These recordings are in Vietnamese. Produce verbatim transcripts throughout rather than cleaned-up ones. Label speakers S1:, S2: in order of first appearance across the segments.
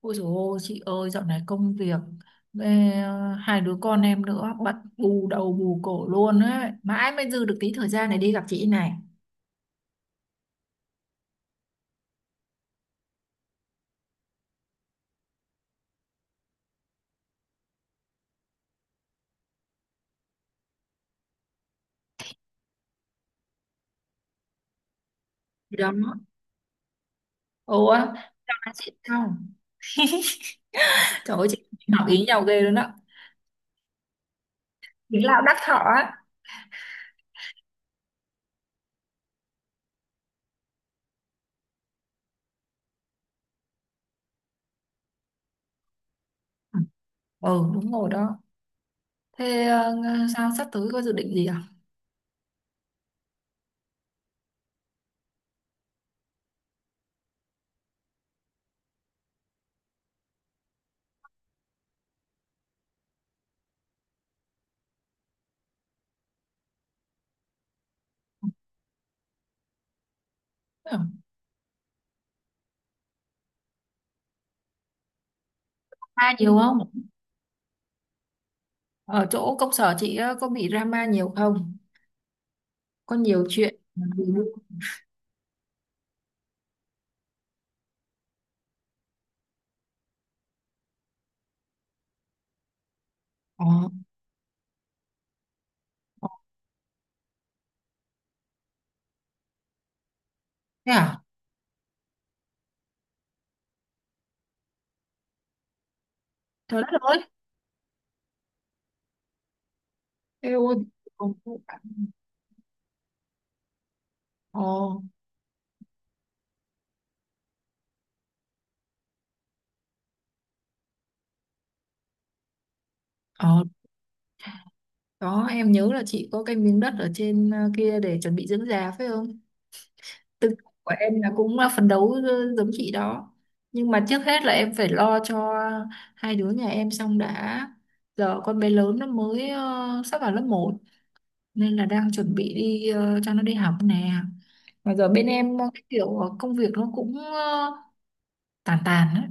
S1: Ôi dồi ôi, chị ơi, dạo này công việc, ê, hai đứa con em nữa, bận bù đầu bù cổ luôn ấy. Mãi mới dư được tí thời gian này đi gặp chị này. Thì Đó. Ồ, á, dạo này chị sao? Trời ơi, chị ngỏ ý nhau ghê luôn á. Ý lão đắc thọ á. Ừ, đúng rồi đó. Thế ờ, sao sắp tới có dự định gì à? Ừ. Drama nhiều không? Ở chỗ công sở chị ờ, có bị drama nhiều không? Có nhiều chuyện. Ừ. Ờ, thế à? Trời đất ơi. Ê ôi, ồ. Đó, em nhớ là chị có cái miếng đất ở trên ờ, kia để chuẩn bị dưỡng già phải không? Tư tưởng của em là cũng là phấn đấu ờ, giống chị đó. Nhưng mà trước hết là em phải lo cho hai đứa nhà em xong đã. Giờ con bé lớn nó mới ờ, sắp vào lớp một nên là đang chuẩn bị đi ờ, cho nó đi học nè. Mà giờ bên em ờ, cái kiểu ờ, công việc nó cũng ờ, tàn tàn á,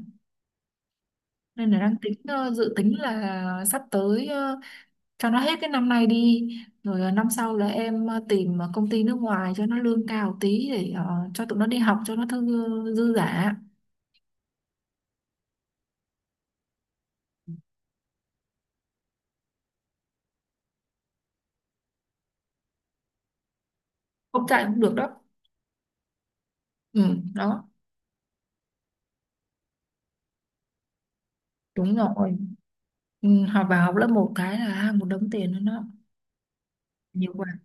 S1: nên là đang tính ờ, dự tính là sắp tới ờ, cho nó hết cái năm nay đi rồi ờ, năm sau là em ờ, tìm ờ, công ty nước ngoài cho nó lương cao tí để ờ, cho tụi nó đi học cho nó thư dư giả. Không chạy cũng được đó. Ừ, đó. Đúng rồi. Ừ, học vào học lớp một cái là à, một đống tiền nữa, nó nhiều quá.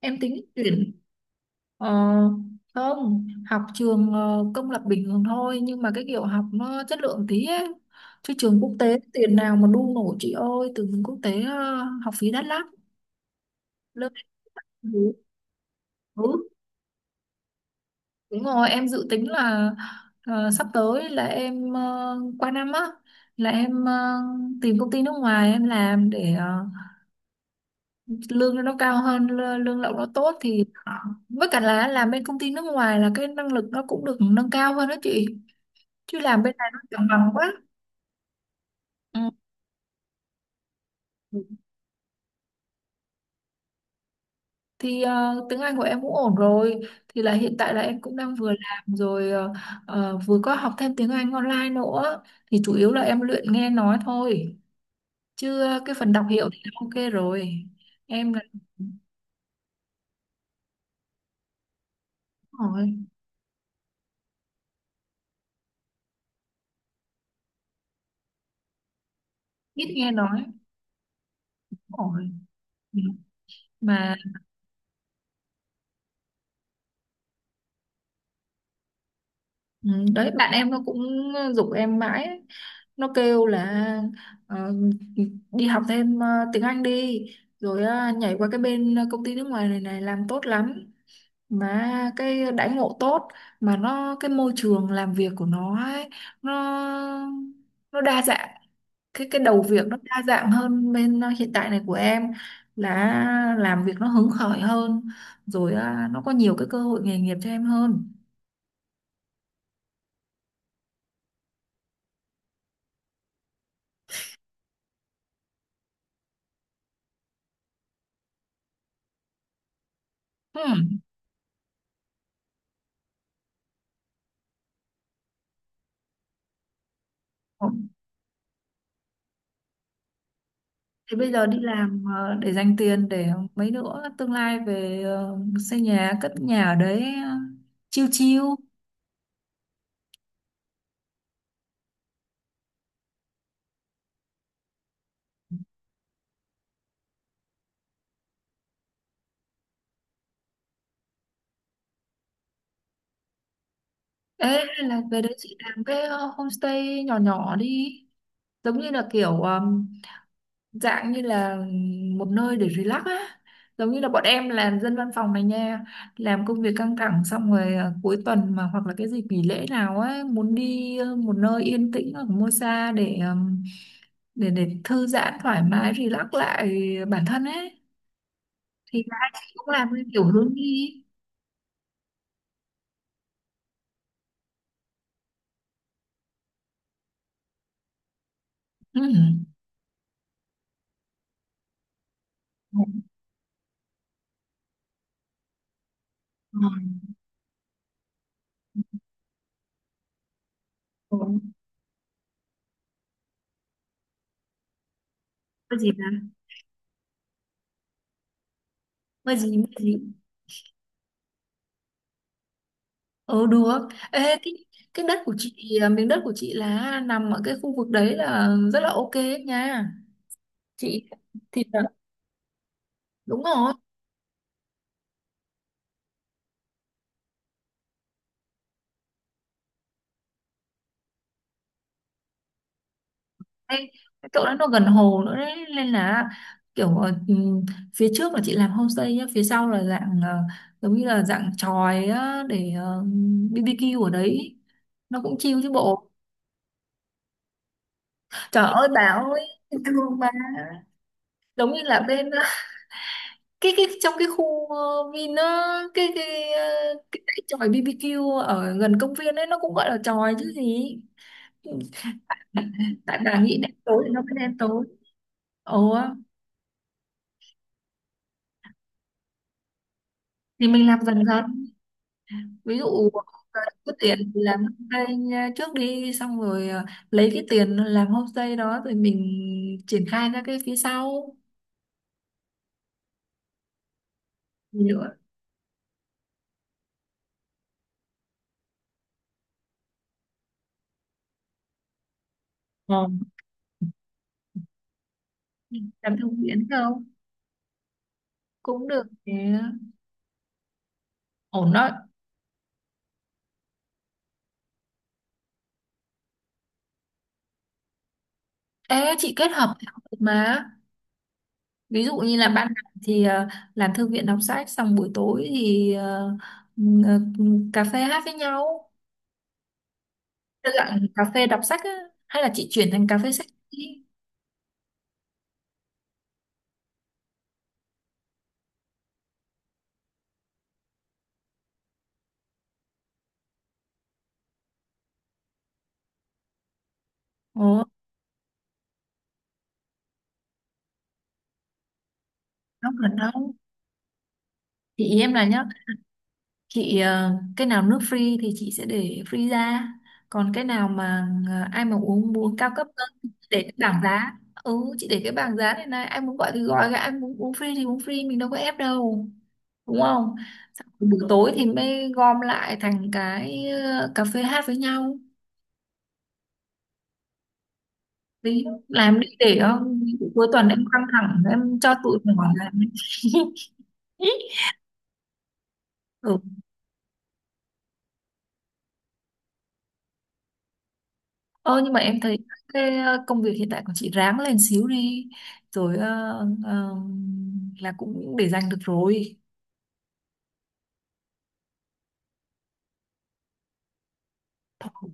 S1: Em tính chuyển ờ, không học trường ờ, công lập bình thường thôi, nhưng mà cái kiểu học nó chất lượng tí ấy. Chứ trường quốc tế tiền nào mà đu nổi chị ơi, từ trường quốc tế ờ, học phí đắt lắm. Lớp. Ừ. Đúng rồi, em dự tính là ờ, sắp tới là em ờ, qua năm á, là em ờ, tìm công ty nước ngoài em làm để ờ, lương nó cao hơn, lơ- lương lậu nó tốt, thì ờ, với cả là làm bên công ty nước ngoài là cái năng lực nó cũng được nâng cao hơn đó chị. Chứ làm bên này nó chẳng bằng quá. Ừ. Thì ờ, tiếng Anh của em cũng ổn rồi, thì là hiện tại là em cũng đang vừa làm rồi ờ, ờ, vừa có học thêm tiếng Anh online nữa, thì chủ yếu là em luyện nghe nói thôi. Chứ ờ, cái phần đọc hiểu thì đã ok rồi. Em là đúng. Ít nghe nói. Đúng. Ừ. Mà ừ, đấy bạn em nó cũng giục em mãi ấy. Nó kêu là ờ, đi học thêm ờ, tiếng Anh đi, rồi ờ, nhảy qua cái bên công ty nước ngoài này này làm tốt lắm, mà cái đãi ngộ tốt, mà nó cái môi trường làm việc của nó ấy, nó nó đa dạng, cái cái đầu việc nó đa dạng hơn bên uh, hiện tại này của em, là làm việc nó hứng khởi hơn, rồi uh, nó có nhiều cái cơ hội nghề nghiệp cho em hơn. Hmm. Ừ. Thì bây giờ đi làm ờ, để dành tiền để mấy nữa tương lai về ờ, xây nhà cất nhà ở đấy ờ, chiêu chiêu. Ê, hay là về đấy chị làm cái ờ, homestay nhỏ nhỏ đi, giống như là kiểu ờ, dạng như là một nơi để relax á, giống như là bọn em làm dân văn phòng này nha, làm công việc căng thẳng xong rồi à, cuối tuần mà hoặc là cái dịp nghỉ lễ nào á muốn đi ờ, một nơi yên tĩnh ở mua xa để ờm, để để thư giãn thoải mái relax lại bản thân ấy. Thì là hai chị cũng làm cái kiểu hướng đi. Ừ. Ừ. Ừ. Mua gì là, mua gì mua gì. Ừ được. Ê, cái cái đất của chị ờ, miếng đất của chị là nằm ở cái khu vực đấy là rất là ok ấy nha chị. Thì là đúng rồi. Đây, cái chỗ đó nó gần hồ nữa đấy, nên là kiểu ờ, ừm, phía trước là chị làm homestay nhá, phía sau là dạng ờ, giống như là dạng chòi á, để ờ, bi bi kiu ở đấy, nó cũng chill chứ bộ. Trời ơi bà ơi. Thương bà, giống như là bên ờ, cái cái trong cái khu ờ, Vin á, cái cái ờ, cái dãy chòi bi bi kiu ở gần công viên ấy, nó cũng gọi là chòi chứ gì. Tại bà nghĩ đen tối thì nó mới đen tối. Ồ, thì mình làm dần dần, ví dụ ờ, có tiền thì làm homestay nha, trước đi, xong rồi ờ, lấy cái tiền làm homestay đó rồi mình triển khai ra cái phía sau. Gì nữa. Ờ. Mình làm theo miễn không cũng được nhé. Ổn đó. Ê, chị kết hợp theo được mà, ví dụ như là ban ngày thì ờ, làm thư viện đọc sách, xong buổi tối thì ờ, ừm, ờ, cà phê hát với nhau. Tức là cà phê đọc sách á, hay là chị chuyển thành cà phê sách đi. Ồ, nó gần đâu, thì ý em là nhá, chị ờ, cái nào nước free thì chị sẽ để free ra, còn cái nào mà ờ, ai mà uống muốn cao cấp hơn để cái bảng giá. Ừ, chị để cái bảng giá này này, ai muốn gọi thì gọi, ai muốn uống free thì uống free, mình đâu có ép đâu, đúng không. Xong rồi buổi tối thì mới gom lại thành cái ờ, cà phê hát với nhau, đi làm đi để ờ, cuối tuần em căng thẳng em cho tụi mình làm. Ừ. Ờ nhưng mà em thấy cái ờ, công việc hiện tại của chị ráng lên xíu đi rồi ờ, ờ, là cũng để dành được rồi.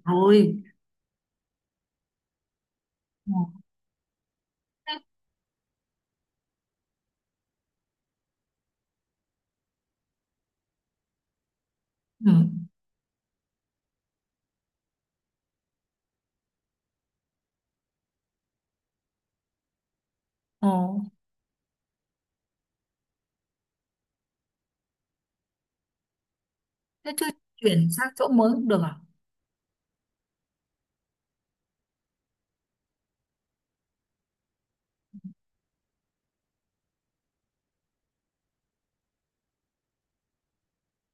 S1: Rồi. Ừ. Ừ. Ờ. Thế chứ chuyển sang chỗ mới không được à.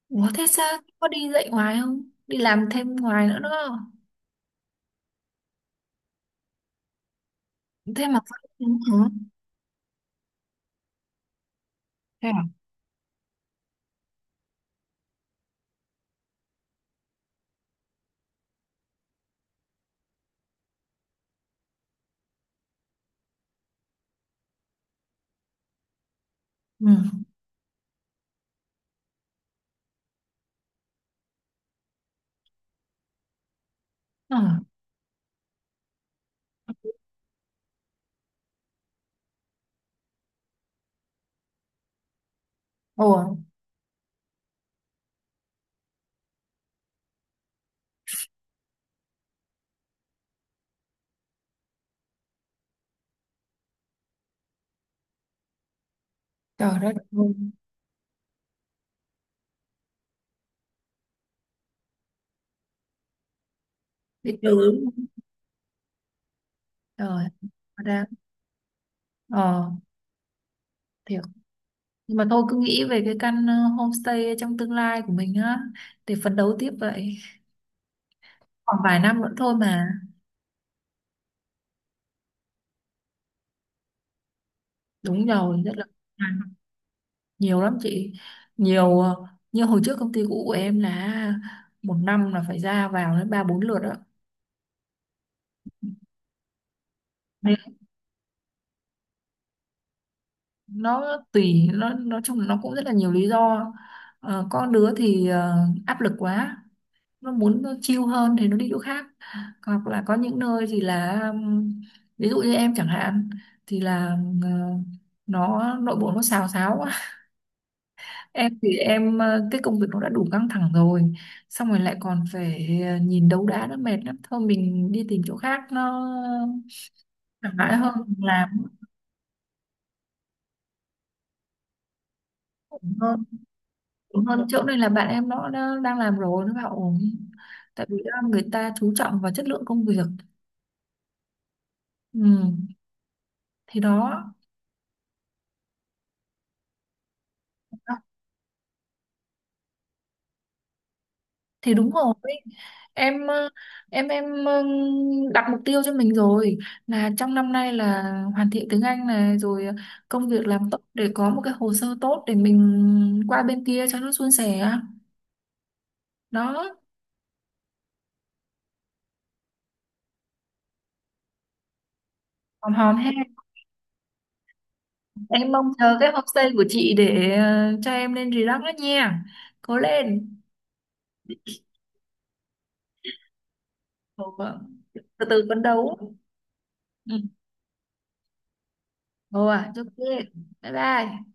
S1: Ủa thế sao có đi dạy ngoài không, đi làm thêm ngoài nữa đó. Thế mà vẫn đúng hả. Thế à. Ừ. Ờ. Ủa. Trời đất ơi. Bị trừ đúng không? Trời. Ra. Ờ. Thì. Nhưng mà thôi cứ nghĩ về cái căn ờ, homestay trong tương lai của mình á để phấn đấu tiếp vậy. Khoảng vài năm nữa thôi mà. Đúng rồi, rất là nhiều lắm chị. Nhiều ờ, như hồi trước công ty cũ của em là một năm là phải ra vào đến ba bốn lượt đó. Nên nó tùy, nó nói chung là nó cũng rất là nhiều lý do. Ờ, có đứa thì ờ, áp lực quá, nó muốn nó chill hơn thì nó đi chỗ khác, hoặc là có những nơi thì là um, ví dụ như em chẳng hạn thì là um, ờ, nó nội bộ nó xào xáo quá. Em thì em ờ, cái công việc nó đã đủ căng thẳng rồi, xong rồi lại còn phải ờ, nhìn đấu đá nó mệt lắm, thôi mình đi tìm chỗ khác nó thoải mái hơn. Làm. Ổn hơn. Ổn hơn chỗ này là bạn em nó, nó đang làm rồi nó bảo ổn, tại vì ờ, người ta chú trọng vào chất lượng công việc. Ừ. Thì đó. Thì đúng rồi, em ờ, em em ờ, đặt mục tiêu cho mình rồi, là trong năm nay là hoàn thiện tiếng Anh này, rồi ờ, công việc làm tốt để có một cái hồ sơ tốt để mình qua bên kia cho nó suôn sẻ. Đó. Hòm hòm ha. Em mong chờ cái homestay của chị để ờ, cho em lên relax đó nha. Cố lên. Ồ, vâng. Từ từ phấn đấu. Ừ. Ồ, à, ok. Bye bye.